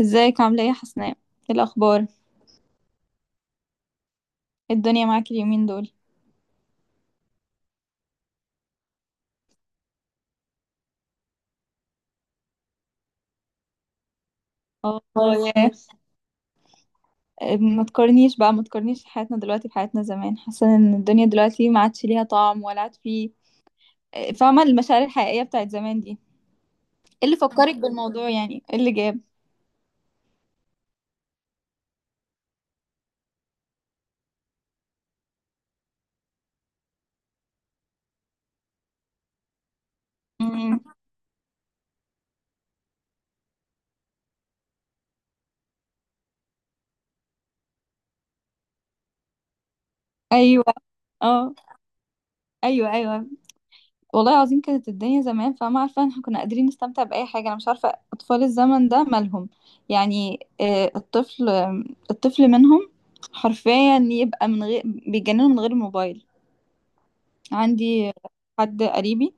ازيك عاملة ايه يا حسناء؟ ايه الأخبار؟ ايه الدنيا معاك اليومين دول؟ والله، وما تقارنيش بقى، ما تقارنيش حياتنا دلوقتي بحياتنا زمان. حاسة ان الدنيا دلوقتي ما عادش ليها طعم ولا عاد في. فاهمة المشاعر الحقيقية بتاعت زمان دي؟ ايه اللي فكرك بالموضوع؟ ايه اللي جاب؟ مم. ايوه. اه. ايوه ايوه. والله العظيم كانت الدنيا زمان، فما عارفة، احنا كنا قادرين نستمتع بأي حاجة. أنا مش عارفة أطفال الزمن ده مالهم. الطفل، الطفل منهم حرفيا يبقى من غير، بيتجننوا من غير الموبايل. عندي حد قريبي،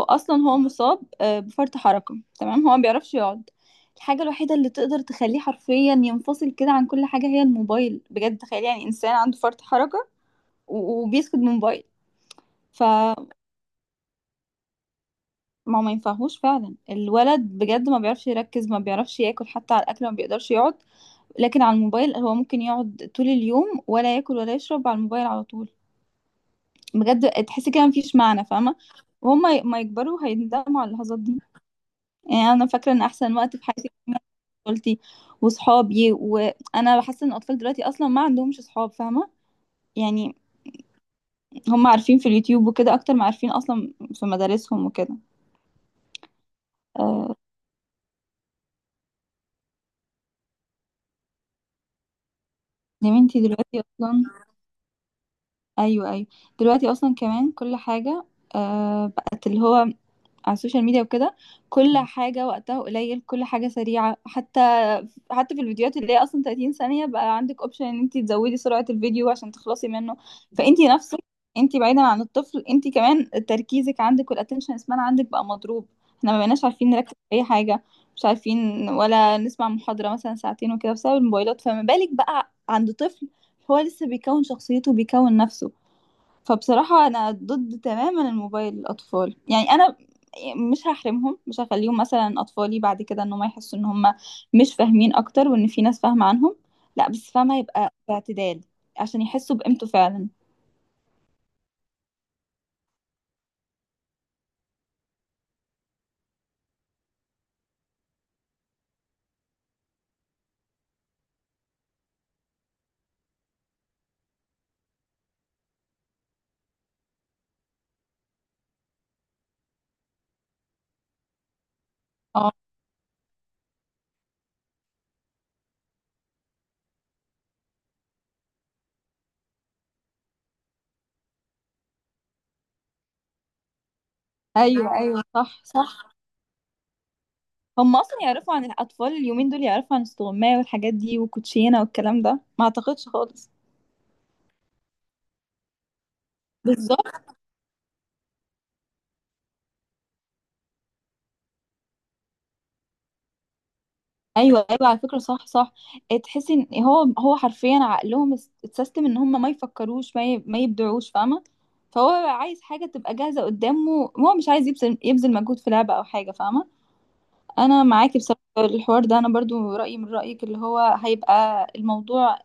هو أصلا هو مصاب بفرط حركة، تمام؟ هو ما بيعرفش يقعد. الحاجة الوحيدة اللي تقدر تخليه حرفيا ينفصل كده عن كل حاجة هي الموبايل. بجد تخيل يعني إنسان عنده فرط حركة وبيسكت من موبايل. ما هو ما ينفعهوش فعلا. الولد بجد ما بيعرفش يركز، ما بيعرفش ياكل، حتى على الاكل ما بيقدرش يقعد. لكن على الموبايل هو ممكن يقعد طول اليوم، ولا ياكل ولا يشرب، على الموبايل على طول. بجد تحسي كده مفيش معنى، فاهمه؟ وهم ما يكبروا هيندموا على اللحظات دي. يعني انا فاكره ان احسن وقت في حياتي كان طفولتي وصحابي، وانا حاسه ان الاطفال دلوقتي اصلا ما عندهمش صحاب، فاهمه؟ يعني هم عارفين في اليوتيوب وكده اكتر ما عارفين اصلا في مدارسهم وكده. آه، يا بنتي دلوقتي اصلا، ايوه ايوه، دلوقتي اصلا كمان كل حاجه بقت اللي هو على السوشيال ميديا وكده. كل حاجه وقتها قليل، كل حاجه سريعه، حتى في الفيديوهات اللي هي اصلا 30 ثانيه بقى عندك اوبشن ان انت تزودي سرعه الفيديو عشان تخلصي منه. فانت نفسك، انت بعيدا عن الطفل، انت كمان تركيزك عندك والاتنشن سبان عندك بقى مضروب. احنا ما بقيناش عارفين نركز في اي حاجه، مش عارفين ولا نسمع محاضره مثلا ساعتين وكده بسبب الموبايلات، فما بالك بقى عند طفل هو لسه بيكون شخصيته، بيكون نفسه. فبصراحة أنا ضد تماما الموبايل للأطفال. يعني أنا مش هحرمهم، مش هخليهم مثلا أطفالي بعد كده إن هم يحسوا إن هم مش فاهمين أكتر وإن في ناس فاهمة عنهم. لا، بس فاهمة يبقى باعتدال عشان يحسوا بقيمته فعلا. اه. أيوه أيوه، صح صح. هم أصلا يعرفوا عن الأطفال اليومين دول، يعرفوا عن استغماية والحاجات دي والكوتشينة والكلام ده؟ ما أعتقدش خالص. بالظبط. ايوه ايوه، على فكره صح صح. إيه، تحسي ان هو هو حرفيا عقلهم اتسيستم ان هم ما يفكروش، ما يبدعوش، فاهمه؟ فهو عايز حاجه تبقى جاهزه قدامه، هو مش عايز يبذل مجهود في لعبه او حاجه، فاهمه؟ انا معاكي بصراحه في الحوار ده، انا برضو رايي من رايك، اللي هو هيبقى الموضوع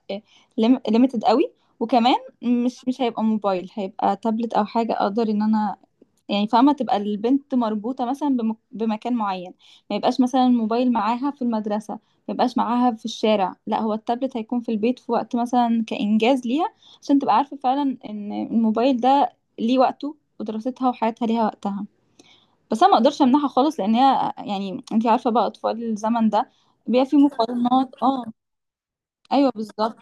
ليميتد قوي. وكمان مش هيبقى موبايل، هيبقى تابلت او حاجه اقدر ان انا، يعني فاهمة، تبقى البنت مربوطة مثلا بمكان معين. ما يبقاش مثلا الموبايل معاها في المدرسة، ما يبقاش معاها في الشارع. لا، هو التابلت هيكون في البيت في وقت مثلا كإنجاز ليها، عشان تبقى عارفة فعلا ان الموبايل ده ليه وقته، ودراستها وحياتها ليها وقتها. بس انا ما اقدرش امنعها خالص، لان هي يعني انتي عارفة بقى اطفال الزمن ده بيبقى في مقارنات. اه، ايوه بالظبط.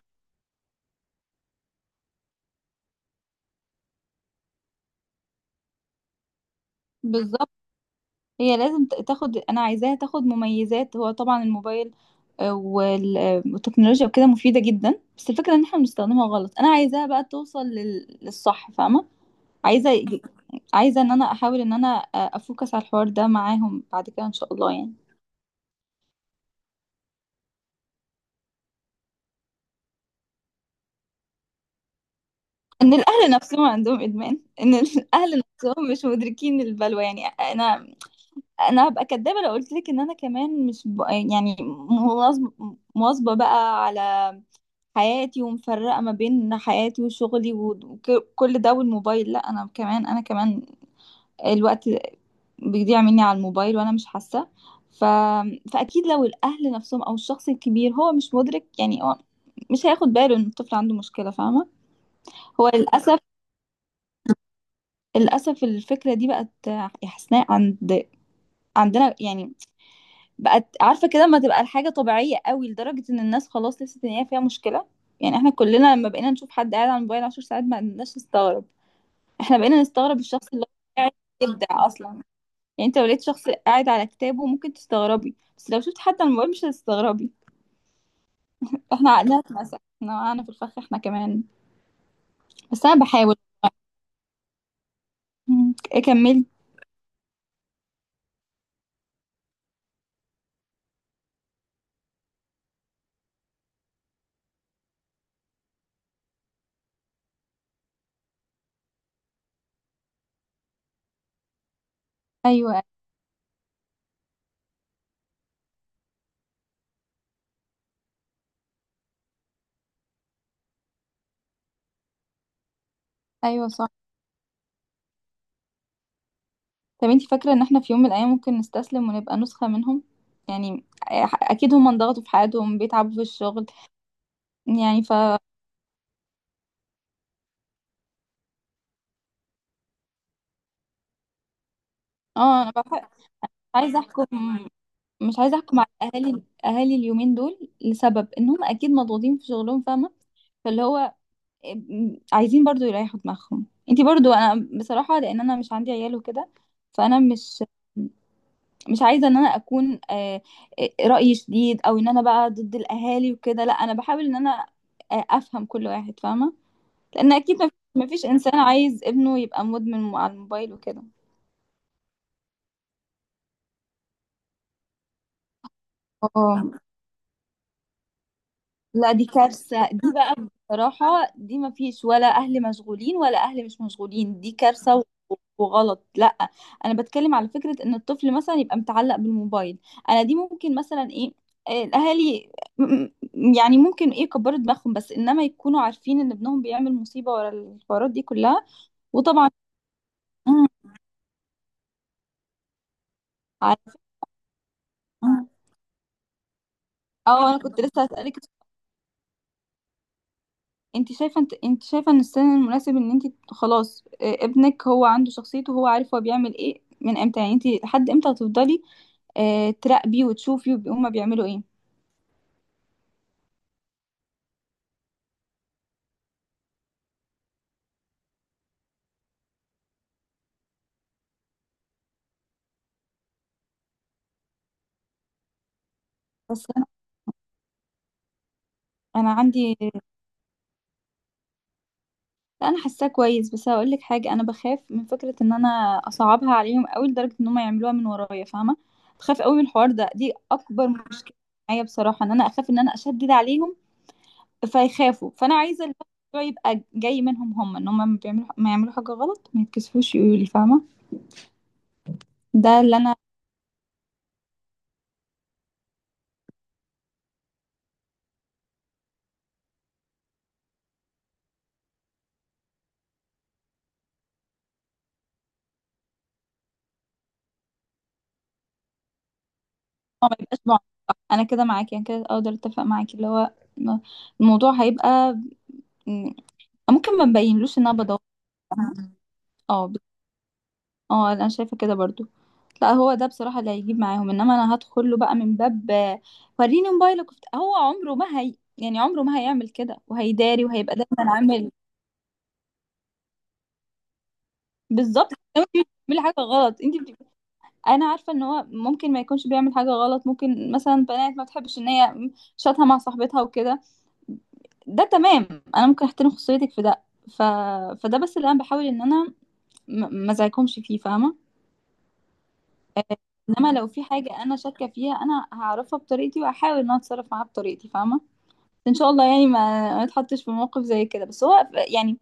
بالظبط، هي لازم تاخد، انا عايزاها تاخد مميزات. هو طبعا الموبايل والتكنولوجيا وكده مفيدة جدا، بس الفكرة ان احنا بنستخدمها غلط. انا عايزاها بقى توصل لل... للصح، فاهمة؟ عايزة، ان انا احاول ان انا افوكس على الحوار ده معاهم بعد كده ان شاء الله يعني. ان الاهل نفسهم عندهم ادمان، ان الاهل نفسهم مش مدركين البلوى. يعني انا، انا هبقى كدابة لو قلت لك ان انا كمان مش ب... يعني مواظبة بقى على حياتي ومفرقة ما بين حياتي وشغلي وكل ده والموبايل. لا انا كمان، انا كمان الوقت بيضيع مني على الموبايل وانا مش حاسه. ف... فاكيد لو الاهل نفسهم او الشخص الكبير هو مش مدرك، يعني هو مش هياخد باله ان الطفل عنده مشكله، فاهمه؟ هو للاسف، للاسف الفكره دي بقت يا حسناء عند عندنا، يعني بقت عارفه كده، لما تبقى الحاجه طبيعيه قوي لدرجه ان الناس خلاص لسه ان هي فيها مشكله. يعني احنا كلنا لما بقينا نشوف حد قاعد على الموبايل عشر ساعات ما بقيناش نستغرب. احنا بقينا نستغرب الشخص اللي هو قاعد يبدع اصلا. يعني انت لو لقيت شخص قاعد على كتابه ممكن تستغربي، بس لو شفت حد على الموبايل مش هتستغربي. احنا عقلنا اتمسح، احنا وقعنا في الفخ احنا كمان. بس انا بحاول. مم. اكملي. ايوه ايوه صح. طب انت فاكره ان احنا في يوم من الايام ممكن نستسلم ونبقى نسخه منهم؟ يعني اكيد هم انضغطوا في حياتهم، بيتعبوا في الشغل، يعني ف اه انا بح... عايزه احكم، مش عايزه احكم على اهالي، اهالي اليومين دول، لسبب ان هم اكيد مضغوطين في شغلهم، فاهمه؟ فاللي هو عايزين برضو يريحوا دماغهم، انتي برضو، انا بصراحة لان انا مش عندي عيال وكده، فانا مش، مش عايزة ان انا اكون رأيي شديد او ان انا بقى ضد الاهالي وكده. لا انا بحاول ان انا افهم كل واحد، فاهمة؟ لان اكيد مفيش انسان عايز ابنه يبقى مدمن على الموبايل وكده. اه. لا دي كارثة دي بقى، بصراحة. دي ما فيش ولا أهل مشغولين ولا أهل مش مشغولين، دي كارثة وغلط. لا أنا بتكلم على فكرة إن الطفل مثلا يبقى متعلق بالموبايل. أنا دي ممكن مثلا إيه، الأهالي م- يعني ممكن إيه يكبروا دماغهم، بس إنما يكونوا عارفين إن ابنهم بيعمل مصيبة ورا الحوارات دي كلها. وطبعا، مم. عارف- اه، أنا كنت لسه هسألك. انت شايفه، انت شايفه ان السن المناسب ان انت خلاص ابنك هو عنده شخصيته، هو عارف هو بيعمل ايه من امتى؟ يعني انت لحد امتى هتفضلي تراقبي وتشوفي هما بيعملوا ايه؟ بس انا انا عندي، لا انا حاساه كويس، بس هقول لك حاجه، انا بخاف من فكره ان انا اصعبها عليهم قوي لدرجه ان هم يعملوها من ورايا، فاهمه؟ بخاف قوي من الحوار ده، دي اكبر مشكله معايا بصراحه، ان انا اخاف ان انا اشدد عليهم فيخافوا. فانا عايزه الموضوع يبقى جاي منهم هم، ان هم ما بيعملوا، ما يعملوا حاجه غلط ما يتكسفوش يقولوا لي، فاهمه؟ ده اللي انا اه ما يبقاش نوع، انا كده معاكي، انا كده اقدر اتفق معاكي، اللي هو إنه الموضوع هيبقى م- ممكن ما نبينلوش ان انا بدور. اه ب- اه انا شايفه كده برضو. لا هو ده بصراحه اللي هيجيب معاهم، انما انا هدخل له بقى من باب وريني موبايلك هو عمره ما، هي يعني عمره ما هيعمل كده، وهيداري وهيبقى دايما عامل. بالظبط. انت بتعملي حاجه غلط، انت بت... انا عارفه ان هو ممكن ما يكونش بيعمل حاجه غلط، ممكن مثلا بنات ما تحبش ان هي شاتها مع صاحبتها وكده، ده تمام، انا ممكن احترم خصوصيتك في ده. ف... فده بس اللي انا بحاول ان انا ما ازعجكمش فيه، فاهمه؟ انما لو في حاجه انا شاكه فيها انا هعرفها بطريقتي، وهحاول ان انا اتصرف معاها بطريقتي، فاهمه؟ ان شاء الله يعني ما، ما اتحطش في موقف زي كده. بس هو يعني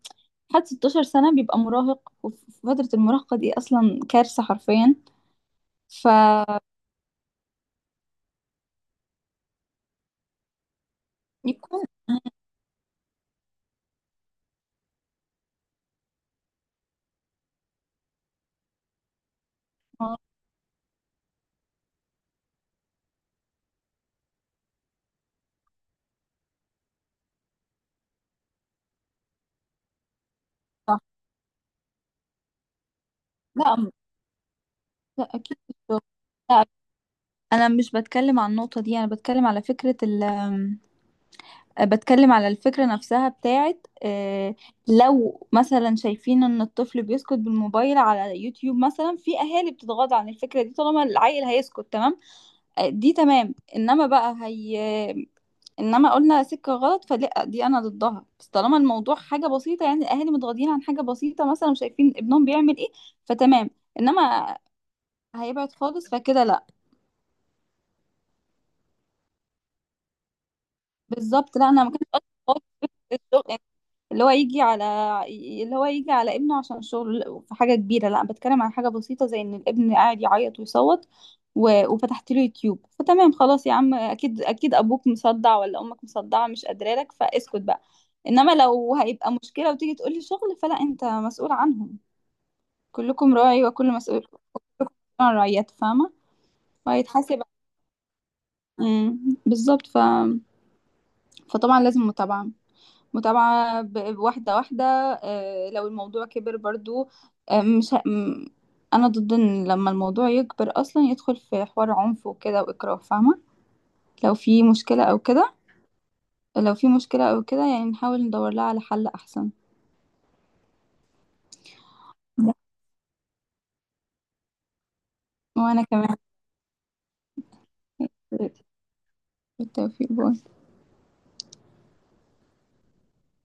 حد 16 سنه بيبقى مراهق، وفي فتره المراهقه دي اصلا كارثه حرفيا. فيكون صح. لا، لا اكيد مش شغل. لا انا مش بتكلم عن النقطه دي، انا بتكلم على فكره، بتكلم على الفكرة نفسها بتاعت لو مثلا شايفين ان الطفل بيسكت بالموبايل على يوتيوب مثلا، في اهالي بتتغاضى عن الفكرة دي طالما العيل هيسكت، تمام دي تمام. انما بقى هي، انما قلنا سكة غلط فلا دي انا ضدها. بس طالما الموضوع حاجة بسيطة يعني الاهالي متغاضين عن حاجة بسيطة، مثلا شايفين ابنهم بيعمل ايه، فتمام. انما هيبعد خالص فكده لا. بالظبط. لا انا ما كانش قصدي خالص اللي هو يجي على، اللي هو يجي على ابنه عشان شغل في حاجة كبيرة، لا بتكلم عن حاجة بسيطة زي ان الابن قاعد يعيط ويصوت و... وفتحت له يوتيوب فتمام، خلاص يا عم، اكيد اكيد ابوك مصدع ولا امك مصدعة مش قادرة لك، فاسكت بقى. انما لو هيبقى مشكلة وتيجي تقولي شغل فلا، انت مسؤول عنهم. كلكم راعي وكل مسؤول، كلكم عن رعيته، فاهمة؟ وهيتحاسب. مم، بالظبط. ف... فطبعا لازم متابعة، متابعة واحدة واحدة. لو الموضوع كبر برضو آه، مش ه- م- أنا ضد إن لما الموضوع يكبر أصلا يدخل في حوار عنف وكده وإكراه، فاهمة؟ لو في مشكلة أو كده، لو في مشكلة أو كده، يعني نحاول ندور لها على حل أحسن. وأنا كمان. بالتوفيق.